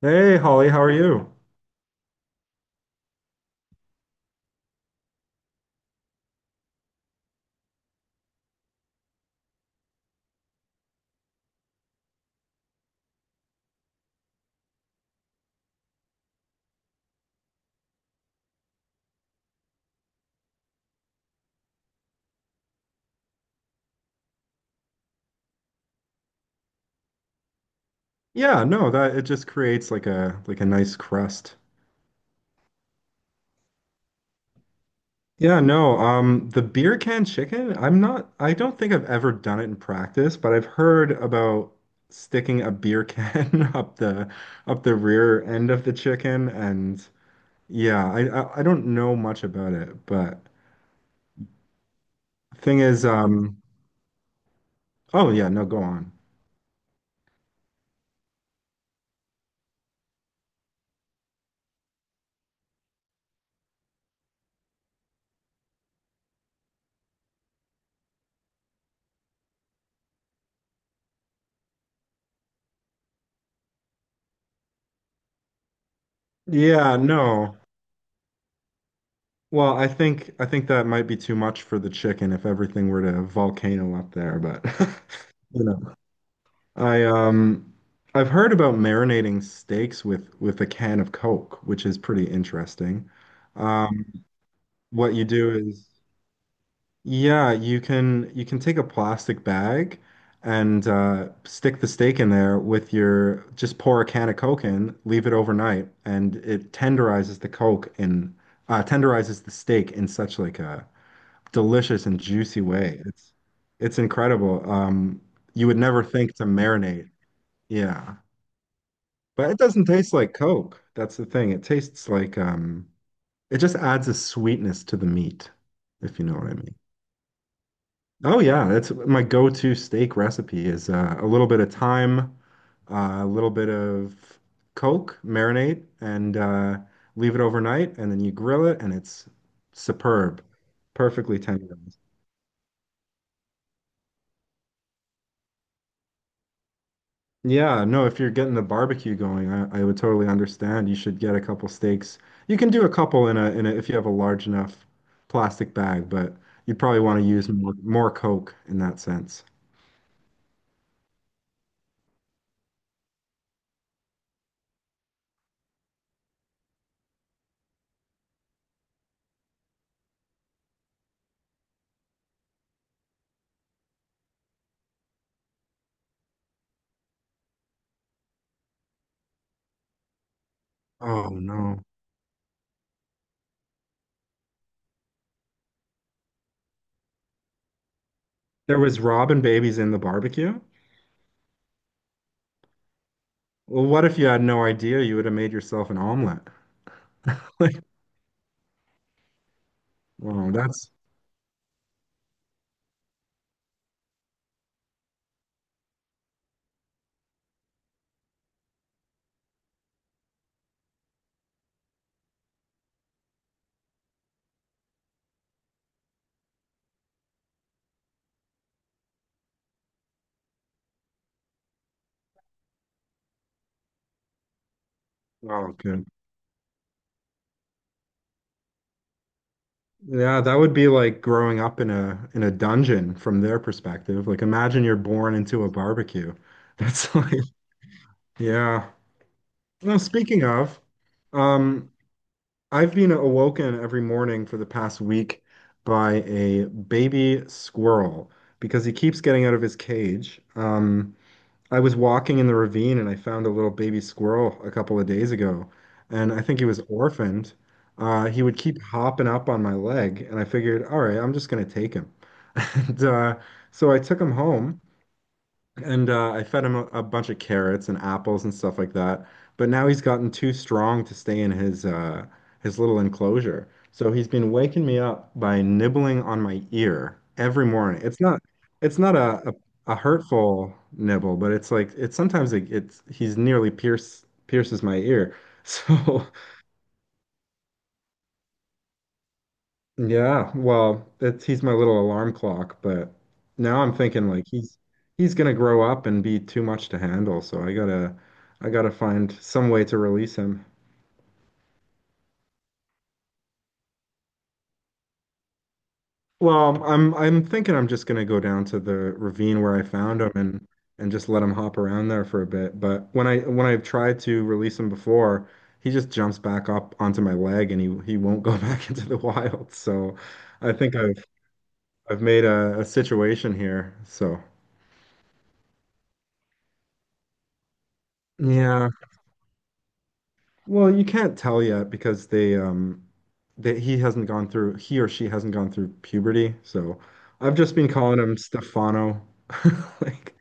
Hey Holly, how are you? Yeah, no, that it just creates like a nice crust. Yeah, no, the beer can chicken, I don't think I've ever done it in practice, but I've heard about sticking a beer can up the rear end of the chicken and yeah, I don't know much about it, but thing is um oh yeah, no, go on. Yeah, no. Well, I think that might be too much for the chicken if everything were to volcano up there, but you know. I um I've heard about marinating steaks with a can of Coke, which is pretty interesting. Um, what you do is yeah, you can take a plastic bag and stick the steak in there with your just pour a can of Coke in, leave it overnight, and it tenderizes the steak in such like a delicious and juicy way. It's incredible. You would never think to marinate. Yeah. But it doesn't taste like Coke. That's the thing. It tastes like it just adds a sweetness to the meat, if you know what I mean. Oh yeah, that's my go-to steak recipe is a little bit of thyme, a little bit of Coke, marinate, and leave it overnight, and then you grill it, and it's superb, perfectly tender. Yeah, no, if you're getting the barbecue going, I would totally understand. You should get a couple steaks. You can do a couple in a if you have a large enough plastic bag, but you'd probably want to use more Coke in that sense. Oh no. There was robin babies in the barbecue? Well, what if you had no idea you would have made yourself an omelet? Like, oh, that's oh good. Yeah, that would be like growing up in a dungeon from their perspective. Like imagine you're born into a barbecue. That's like yeah. Well, speaking of, um, I've been awoken every morning for the past week by a baby squirrel because he keeps getting out of his cage. I was walking in the ravine and I found a little baby squirrel a couple of days ago, and I think he was orphaned. He would keep hopping up on my leg, and I figured, all right, I'm just gonna take him. And so I took him home, and I fed him a bunch of carrots and apples and stuff like that. But now he's gotten too strong to stay in his little enclosure. So he's been waking me up by nibbling on my ear every morning. It's not a hurtful nibble, but it's like it's sometimes it, it's he's nearly pierces my ear. So yeah, well, that's he's my little alarm clock, but now I'm thinking like he's gonna grow up and be too much to handle, so I gotta find some way to release him. Well, I'm thinking I'm just gonna go down to the ravine where I found him and just let him hop around there for a bit. But when I've tried to release him before, he just jumps back up onto my leg and he won't go back into the wild. So I think I've I've made a situation here. So yeah, well, you can't tell yet because they that he hasn't gone through he or she hasn't gone through puberty. So I've just been calling him Stefano. Like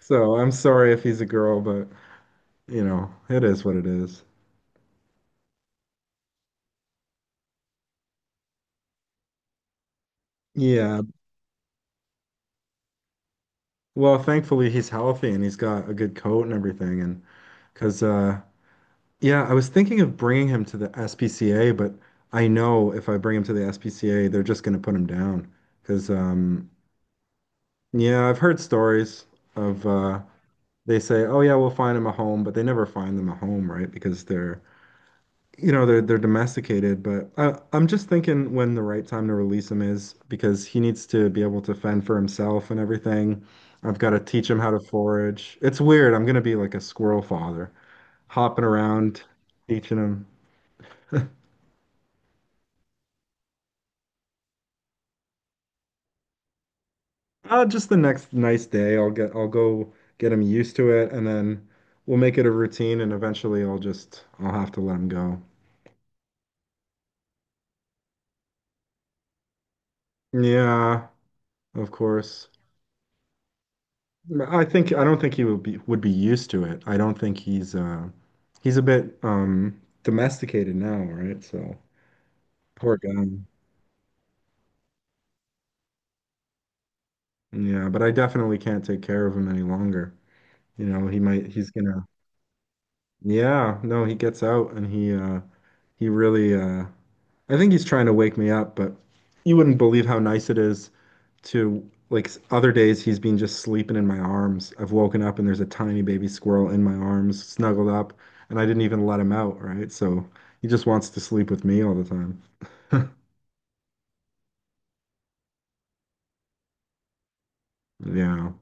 so I'm sorry if he's a girl, but you know, it is what it is. Yeah. Well, thankfully he's healthy and he's got a good coat and everything and cuz yeah, I was thinking of bringing him to the SPCA, but I know if I bring him to the SPCA, they're just going to put him down cuz yeah, I've heard stories of they say, "Oh yeah, we'll find them a home," but they never find them a home, right? Because you know, they're domesticated. But I'm just thinking when the right time to release him is because he needs to be able to fend for himself and everything. I've got to teach him how to forage. It's weird. I'm gonna be like a squirrel father, hopping around, teaching him. Just the next nice day, I'll go get him used to it, and then we'll make it a routine, and eventually I'll have to let him go. Yeah, of course. No, I think I don't think he would be used to it. I don't think he's a bit domesticated now, right? So poor guy. Yeah, but I definitely can't take care of him any longer. You know, he's gonna yeah, no, he gets out and he really I think he's trying to wake me up, but you wouldn't believe how nice it is to like other days he's been just sleeping in my arms. I've woken up and there's a tiny baby squirrel in my arms, snuggled up, and I didn't even let him out, right? So he just wants to sleep with me all the time. Yeah.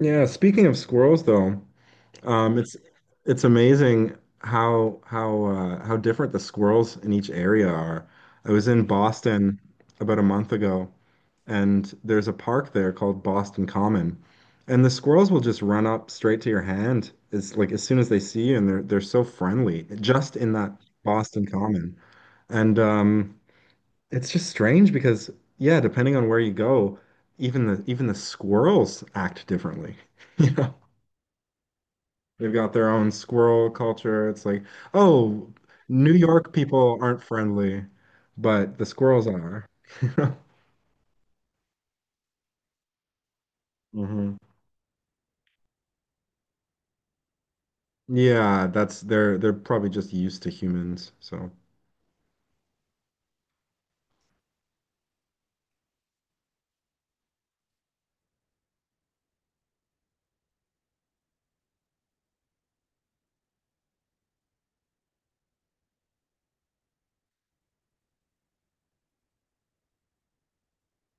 Yeah, speaking of squirrels though, Um, it's it's amazing how how different the squirrels in each area are. I was in Boston about a month ago, and there's a park there called Boston Common, and the squirrels will just run up straight to your hand. It's like as soon as they see you, and they're so friendly just in that Boston Common. And it's just strange because yeah, depending on where you go, even the squirrels act differently. You know. They've got their own squirrel culture. It's like, oh, New York people aren't friendly, but the squirrels are. Hmm. Yeah, that's they're probably just used to humans. So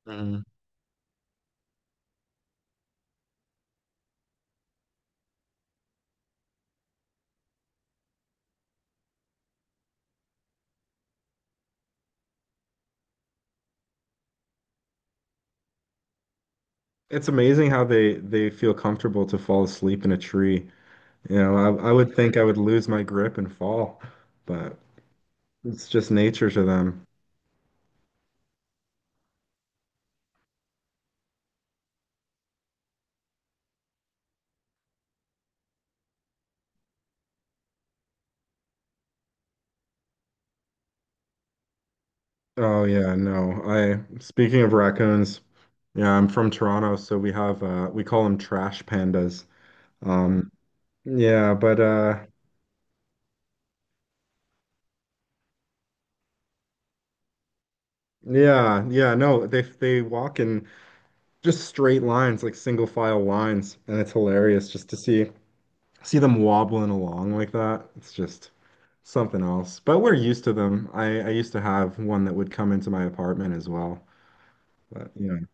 hmm, it's amazing how they feel comfortable to fall asleep in a tree. You know, I would think I would lose my grip and fall, but it's just nature to them. Oh yeah, no. I Speaking of raccoons, yeah, I'm from Toronto, so we have we call them trash pandas. Um, yeah, but yeah, no, they walk in just straight lines, like single file lines, and it's hilarious just to see them wobbling along like that. It's just something else. But we're used to them. I used to have one that would come into my apartment as well. But you know,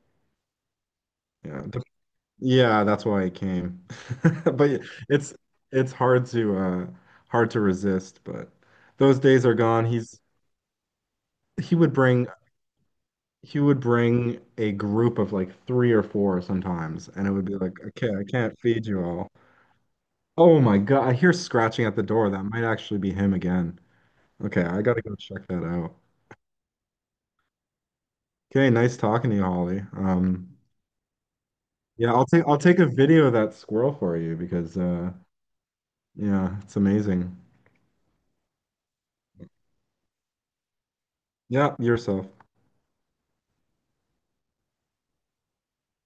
yeah. Yeah, that's why it came. But it's it's hard to resist, but those days are gone. He would bring a group of like three or four sometimes, and it would be like, okay, I can't feed you all. Oh my God, I hear scratching at the door. That might actually be him again. Okay, I gotta go check that out. Okay, nice talking to you, Holly. Yeah, I'll take a video of that squirrel for you because yeah, it's amazing. Yeah, yourself.